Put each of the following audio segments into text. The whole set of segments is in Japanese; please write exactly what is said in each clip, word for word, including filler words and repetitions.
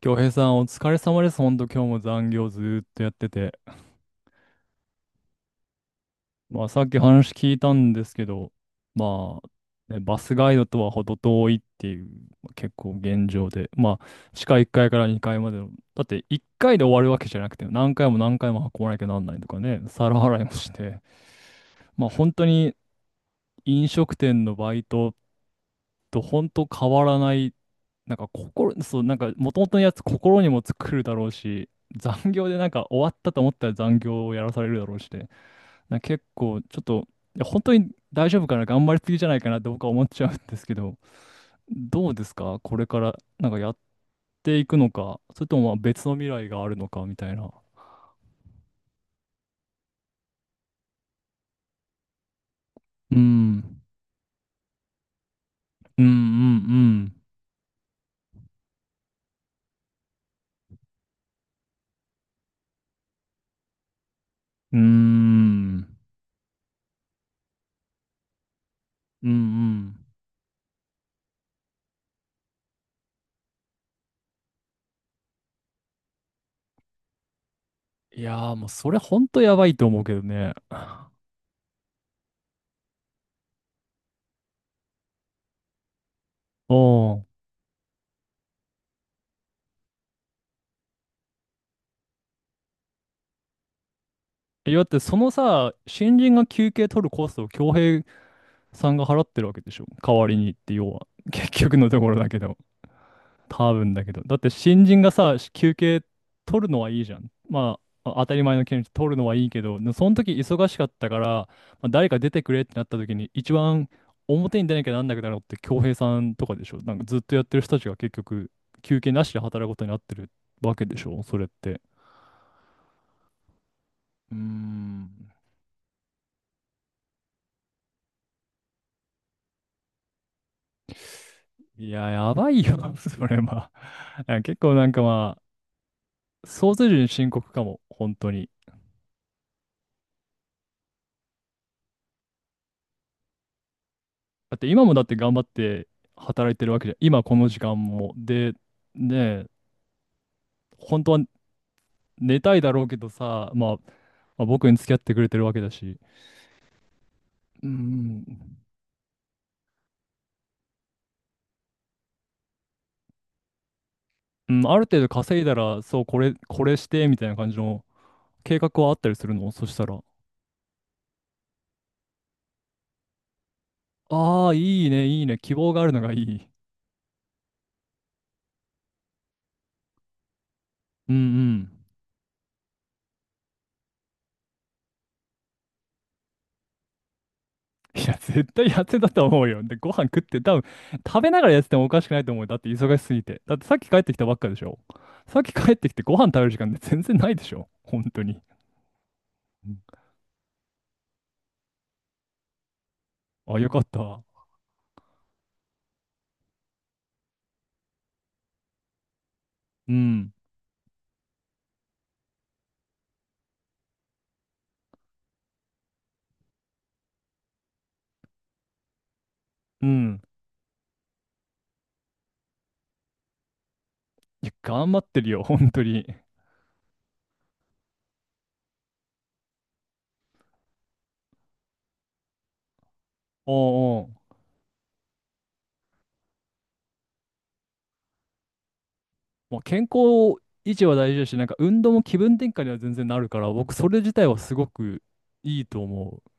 京平さん、お疲れ様です。ほんと、今日も残業ずーっとやってて。まあ、さっき話聞いたんですけど、まあ、ね、バスガイドとは程遠いっていう、まあ結構現状で。まあ、地下いっかいかいからにかいまでの。だって、いっかいで終わるわけじゃなくて、何回も何回も運ばなきゃなんないとかね、皿洗いもして。まあ、本当に飲食店のバイトと本当変わらない。なんか心、そう、なんか元々のやつ心にも作るだろうし、残業でなんか終わったと思ったら残業をやらされるだろうしで、なんか結構ちょっと、いや本当に大丈夫かな、頑張りすぎじゃないかなって僕は思っちゃうんですけど、どうですかこれからなんかやっていくのか、それともまあ別の未来があるのかみたいな。うん、うん、うん、うん、うーん、うん、うん。いやーもうそれ本当やばいと思うけどね。おん。え、だってそのさ、新人が休憩取るコストを恭平さんが払ってるわけでしょ。代わりにって要は。結局のところだけど。多分だけど。だって新人がさ、し休憩取るのはいいじゃん。まあ、あ当たり前の権利取るのはいいけど、でその時忙しかったから、まあ、誰か出てくれってなった時に、一番表に出なきゃなんなくなるのって恭平さんとかでしょ。なんかずっとやってる人たちが結局休憩なしで働くことになってるわけでしょ。それって。うーん。いや、やばいよ、それは。いや結構なんかまあ、想像以上に深刻かも、本当に。だって今もだって頑張って働いてるわけじゃん。今この時間も。で、ねえ、本当は寝たいだろうけどさ、まあ、まあ、僕に付き合ってくれてるわけだし。うん、うん、ある程度稼いだら、そう、これ、これして、みたいな感じの計画はあったりするのそしたら。ああ、いいね、いいね、希望があるのがいい。うんうん。いや、絶対やってたと思うよ。で、ご飯食って、多分食べながらやっててもおかしくないと思うよ。だって忙しすぎて。だってさっき帰ってきたばっかでしょ。さっき帰ってきてご飯食べる時間って全然ないでしょ。本当に。うん。あ、よかった。うん。うん。いや、頑張ってるよ、本当に。おうおう。もう健康維持は大事だし、なんか運動も気分転換には全然なるから、僕それ自体はすごくいいと思う。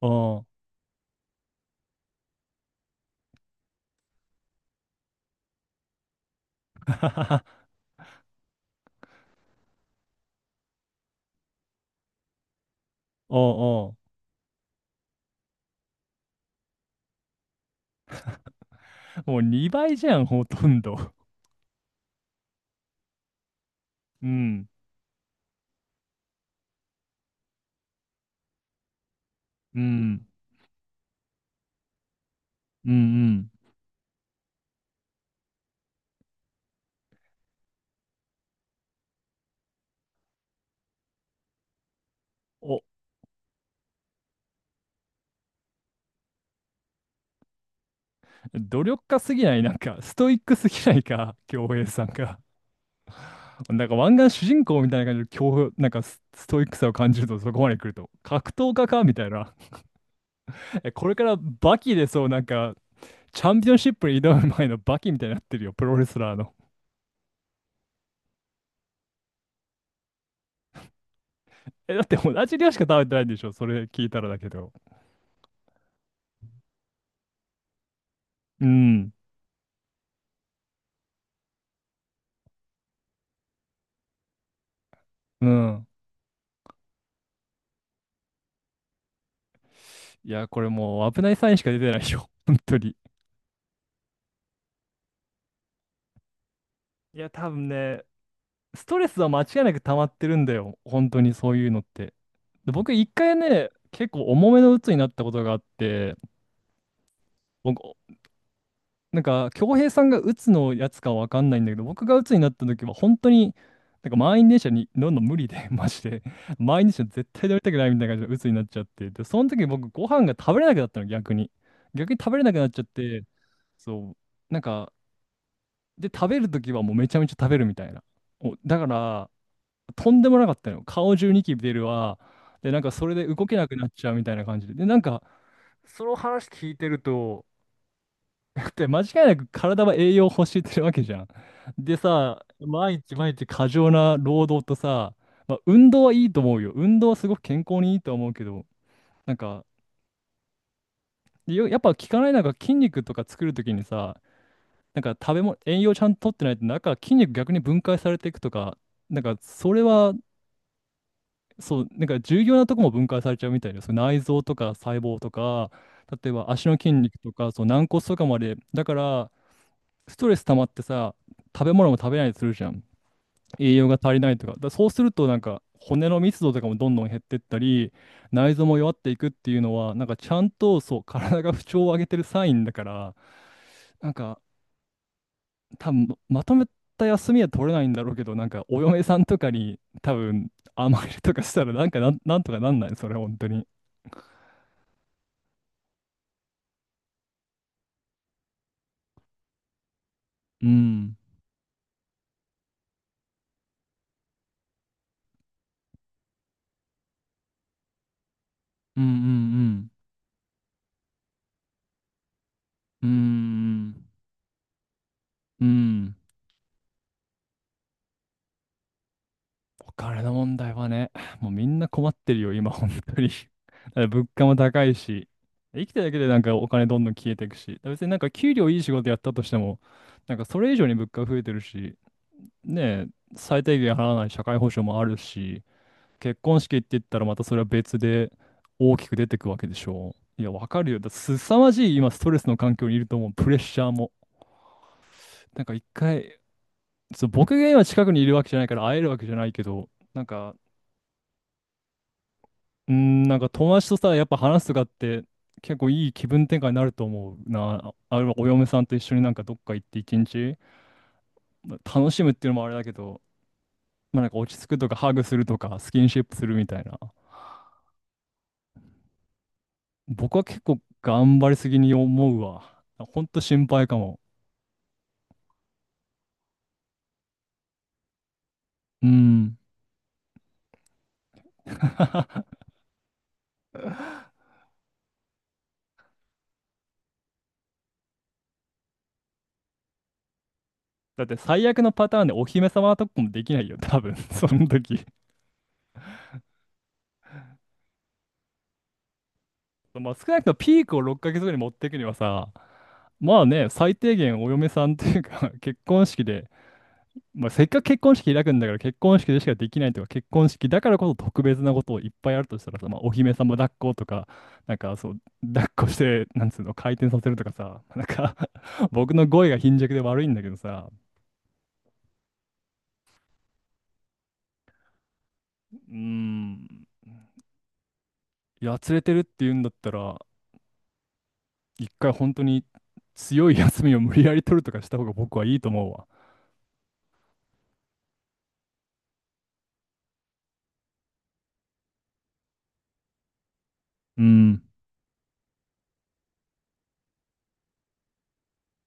おう。おうおう。もうにばいじゃん、ほとんど。うん。うん。うんうん。お、努力家すぎない、なんか、ストイックすぎないか、京平さんが。なんか、湾岸主人公みたいな感じで、京なんかス、ストイックさを感じると、そこまで来ると。格闘家か、みたいな。え、これからバキで、そう、なんか、チャンピオンシップに挑む前のバキみたいになってるよ、プロレスラーの。え、だって同じ量しか食べてないんでしょ、それ聞いたらだけど。うん、うん。いや、これもう、危ないサインしか出てないよ、本当に。いや、多分ね、ストレスは間違いなく溜まってるんだよ、本当にそういうのって。で僕一回ね、結構重めの鬱になったことがあって、僕、なんか、恭平さんが鬱のやつかわかんないんだけど、僕が鬱になった時は本当に、なんか満員電車に乗るの無理で、マジで。満員電車絶対乗りたくないみたいな感じで鬱になっちゃって。で、その時に僕ご飯が食べれなくなったの、逆に。逆に食べれなくなっちゃって、そう、なんか、で、食べる時はもうめちゃめちゃ食べるみたいな。お、だから、とんでもなかったのよ。顔中ニキビ出るわ。で、なんかそれで動けなくなっちゃうみたいな感じで。で、なんか、その話聞いてると、だって間違いなく体は栄養を欲してるわけじゃん。でさ、毎日毎日過剰な労働とさ、まあ、運動はいいと思うよ。運動はすごく健康にいいと思うけど、なんか、よやっぱ聞かないのが筋肉とか作るときにさ、なんか食べ物、栄養ちゃんと取ってないと、なんか筋肉逆に分解されていくとか、なんかそれは、そう、なんか重要なとこも分解されちゃうみたいです。そう内臓とか細胞とか、例えば足の筋肉とか、そう軟骨とかまで。だから、ストレス溜まってさ、食べ物も食べないりするじゃん。栄養が足りないとか。だからそうすると、なんか、骨の密度とかもどんどん減ってったり、内臓も弱っていくっていうのは、なんか、ちゃんと、そう、体が不調を上げてるサインだから、なんか、多分まとめた休みは取れないんだろうけど、なんか、お嫁さんとかに、多分甘えるとかしたら、なんかなん、なんとかなんないそれ、本当に。うん、うん、うん、うん、うん、うん、うん。お金の問題はね、もうみんな困ってるよ、今、本当に。だから物価も高いし、生きてるだけでなんかお金どんどん消えていくし、だから別になんか給料いい仕事やったとしても、なんかそれ以上に物価増えてるし、ねえ、最低限払わない社会保障もあるし、結婚式って言ったらまたそれは別で大きく出てくわけでしょう。いや、わかるよ。だすさまじい今、ストレスの環境にいると思う、プレッシャーも。なんか一回、そう、僕が今近くにいるわけじゃないから会えるわけじゃないけど、なんかうん、なんか友達とさ、やっぱ話すとかって結構いい気分転換になると思うな。あるいはお嫁さんと一緒になんかどっか行って一日、まあ楽しむっていうのもあれだけど、まあなんか落ち着くとかハグするとかスキンシップするみたいな。僕は結構頑張りすぎに思うわ。ほんと心配かも。うん。だって最悪のパターンでお姫様とかもできないよ、多分 その時。まあ少なくともピークをろっかげつごに持っていくにはさ、まあね、最低限お嫁さんというか 結婚式で、まあ、せっかく結婚式開くんだから結婚式でしかできないとか結婚式だからこそ特別なことをいっぱいあるとしたらさ、まあ、お姫様抱っことかなんかそう抱っこしてなんつうの回転させるとかさ なんか 僕の語彙が貧弱で悪いんだけどさ。うーん、やつれてるって言うんだったら一回本当に強い休みを無理やり取るとかした方が僕はいいと思うわ。うん